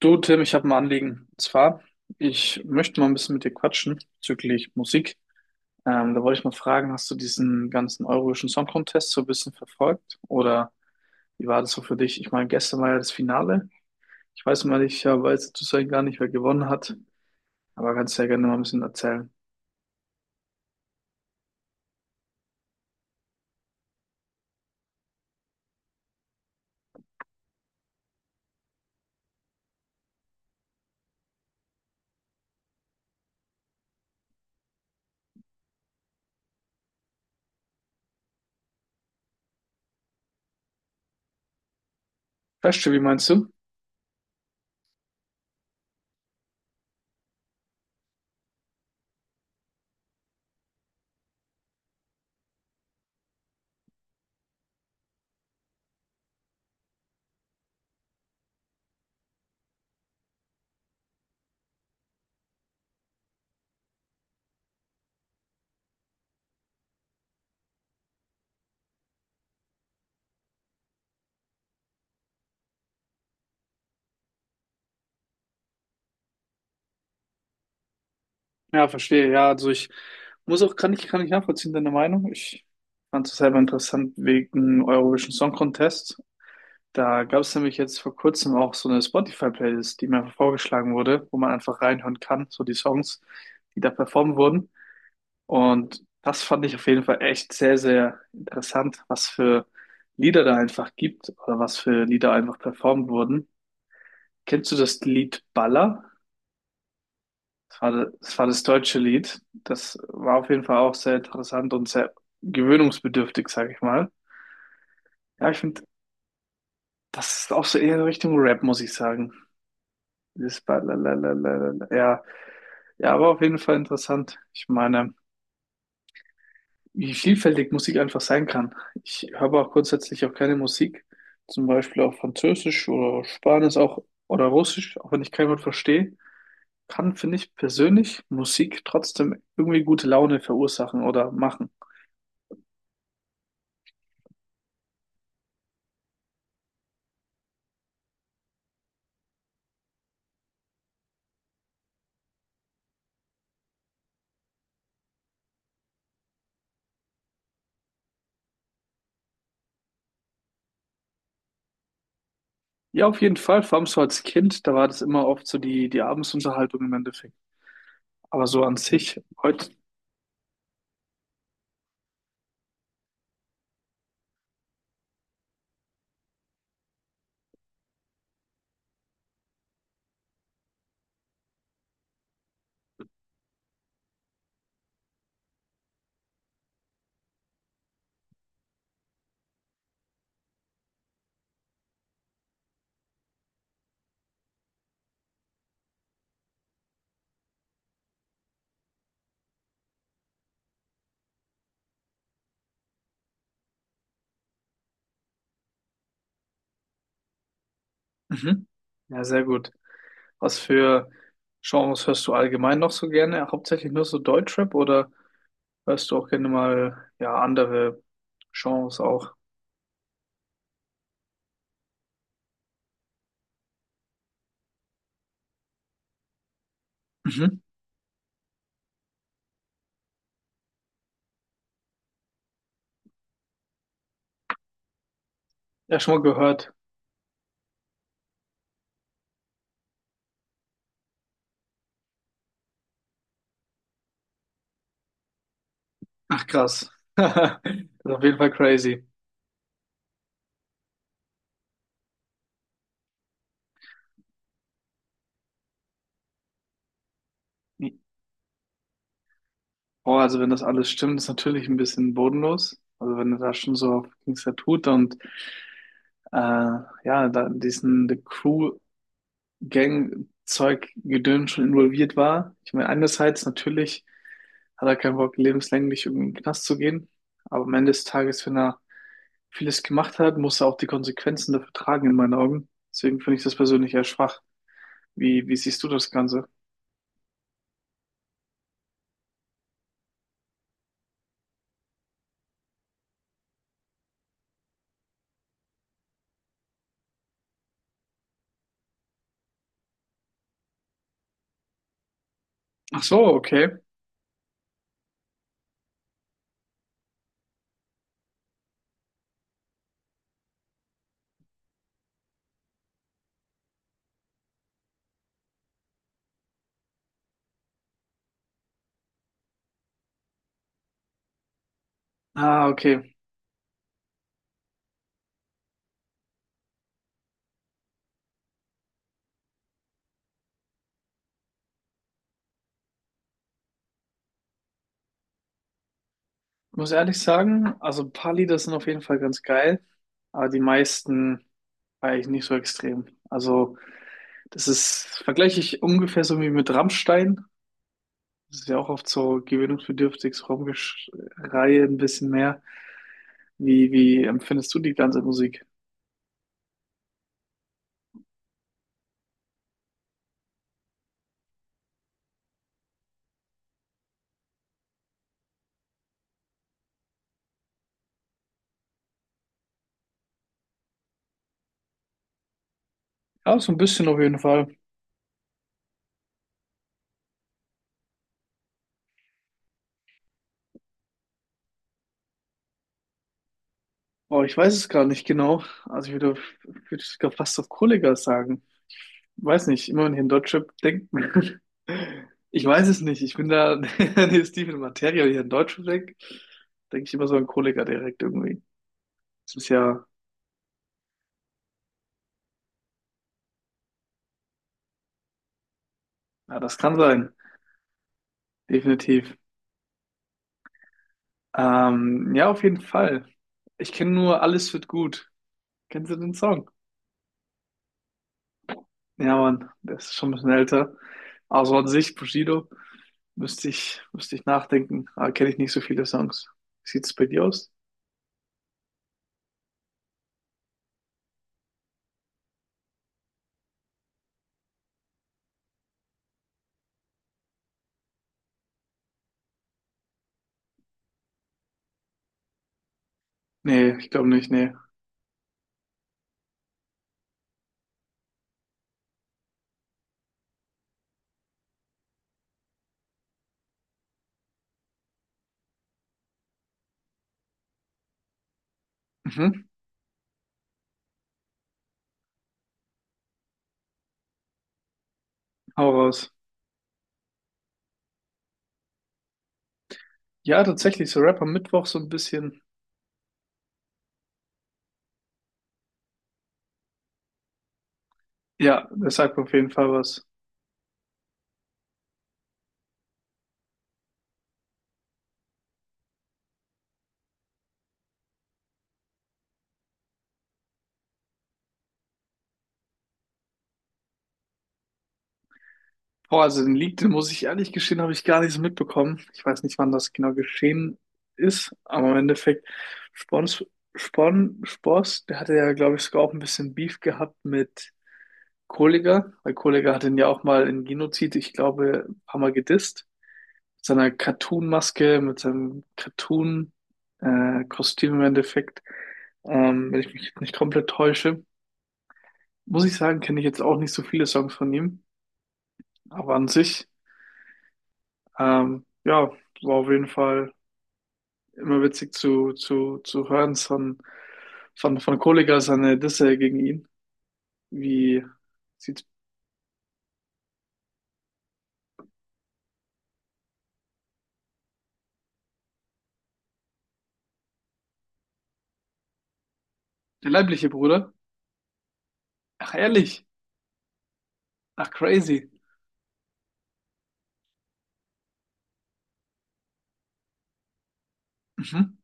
Du, Tim, ich habe ein Anliegen. Und zwar, ich möchte mal ein bisschen mit dir quatschen bezüglich Musik. Da wollte ich mal fragen, hast du diesen ganzen Eurovision Song Contest so ein bisschen verfolgt? Oder wie war das so für dich? Ich meine, gestern war ja das Finale. Ich weiß mal nicht, ja, weiß zu sein gar nicht, wer gewonnen hat. Aber kannst ja gerne mal ein bisschen erzählen. Weißt du, wie meinst du? Ja, verstehe. Ja, also ich muss auch, kann ich nachvollziehen, deine Meinung. Ich fand es selber interessant wegen Eurovision Song Contest. Da gab es nämlich jetzt vor kurzem auch so eine Spotify-Playlist, die mir einfach vorgeschlagen wurde, wo man einfach reinhören kann, so die Songs, die da performt wurden. Und das fand ich auf jeden Fall echt sehr, sehr interessant, was für Lieder da einfach gibt oder was für Lieder einfach performt wurden. Kennst du das Lied Baller? Das war das, war das deutsche Lied. Das war auf jeden Fall auch sehr interessant und sehr gewöhnungsbedürftig, sage ich mal. Ja, ich finde, das ist auch so eher in Richtung Rap, muss ich sagen. Dieses Balalalalala. Ja, ja, aber auf jeden Fall interessant. Ich meine, wie vielfältig Musik einfach sein kann. Ich habe auch grundsätzlich auch keine Musik, zum Beispiel auch Französisch oder Spanisch auch oder Russisch, auch wenn ich kein Wort verstehe, kann, finde ich persönlich, Musik trotzdem irgendwie gute Laune verursachen oder machen. Ja, auf jeden Fall, vor allem so als Kind, da war das immer oft so die Abendsunterhaltung im Endeffekt. Aber so an sich, heute, mhm. Ja, sehr gut. Was für Genres hörst du allgemein noch so gerne? Hauptsächlich nur so Deutschrap oder hörst du auch gerne mal ja andere Genres auch? Mhm. Ja, schon mal gehört. Ach krass. Das ist auf jeden Fall crazy. Boah, also wenn das alles stimmt, ist natürlich ein bisschen bodenlos. Also wenn er da schon so auf Gangster tut und ja, da in diesen The Crew Gang Zeug Gedöns schon involviert war. Ich meine, einerseits natürlich hat er keinen Bock, lebenslänglich irgendwie in den Knast zu gehen. Aber am Ende des Tages, wenn er vieles gemacht hat, muss er auch die Konsequenzen dafür tragen, in meinen Augen. Deswegen finde ich das persönlich eher schwach. Wie siehst du das Ganze? Ach so, okay. Ah, okay. Muss ehrlich sagen, also ein paar Lieder sind auf jeden Fall ganz geil, aber die meisten war ich nicht so extrem. Also, das ist, vergleiche ich ungefähr so wie mit Rammstein. Das ist ja auch oft so gewöhnungsbedürftig, so Rumgeschreie ein bisschen mehr. Wie empfindest du die ganze Musik? Ja, so ein bisschen auf jeden Fall. Oh, ich weiß es gerade nicht genau. Würde sogar fast auf Kollega sagen. Weiß nicht, immer wenn ich an Deutschrap denke. Ich weiß es nicht. Ich bin da, nee, Steven Materia, hier in an Deutschrap denke, denke ich immer so an Kollega direkt irgendwie. Das ist ja, ja, das kann sein. Definitiv. Ja, auf jeden Fall. Ich kenne nur Alles wird gut. Kennst du den Song? Ja, Mann, der ist schon ein bisschen älter. Also an sich, Bushido. Müsste ich nachdenken. Aber kenne ich nicht so viele Songs. Sieht's bei dir aus? Nee, ich glaube nicht, nee. Mhm. Hau raus. Ja, tatsächlich, so Rap am Mittwoch so ein bisschen. Ja, das sagt mir auf jeden Fall was. Boah, also den Leak, den muss ich ehrlich gestehen, habe ich gar nicht so mitbekommen. Ich weiß nicht, wann das genau geschehen ist, aber im Endeffekt, Spons, Spon, Spors, der hatte ja, glaube ich, sogar auch ein bisschen Beef gehabt mit Kollegah, weil Kollegah hat ihn ja auch mal in Genozid, ich glaube, ein paar Mal gedisst. Seiner Cartoon-Maske, mit seinem Cartoon-Kostüm im Endeffekt. Wenn ich mich jetzt nicht komplett täusche, muss ich sagen, kenne ich jetzt auch nicht so viele Songs von ihm. Aber an sich, ja, war auf jeden Fall immer witzig zu hören von Kollegah seine Disse gegen ihn. Wie sieht der leibliche Bruder? Ach, ehrlich? Ach, crazy. Mhm.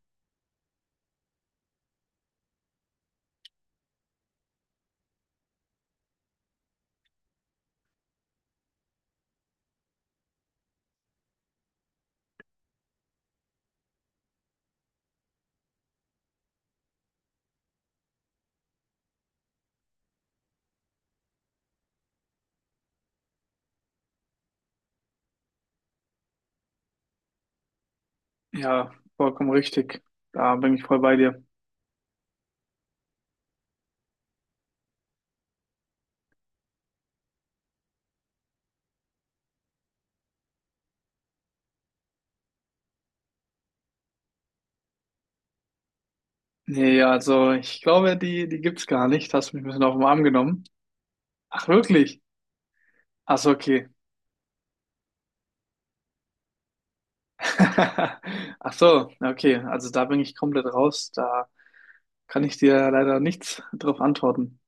Ja, vollkommen richtig. Da bin ich voll bei dir. Nee, also ich glaube, die gibt's gar nicht. Hast mich ein bisschen auf den Arm genommen. Ach, wirklich? Ach so, okay. Ach so, okay. Also da bin ich komplett raus. Da kann ich dir leider nichts drauf antworten.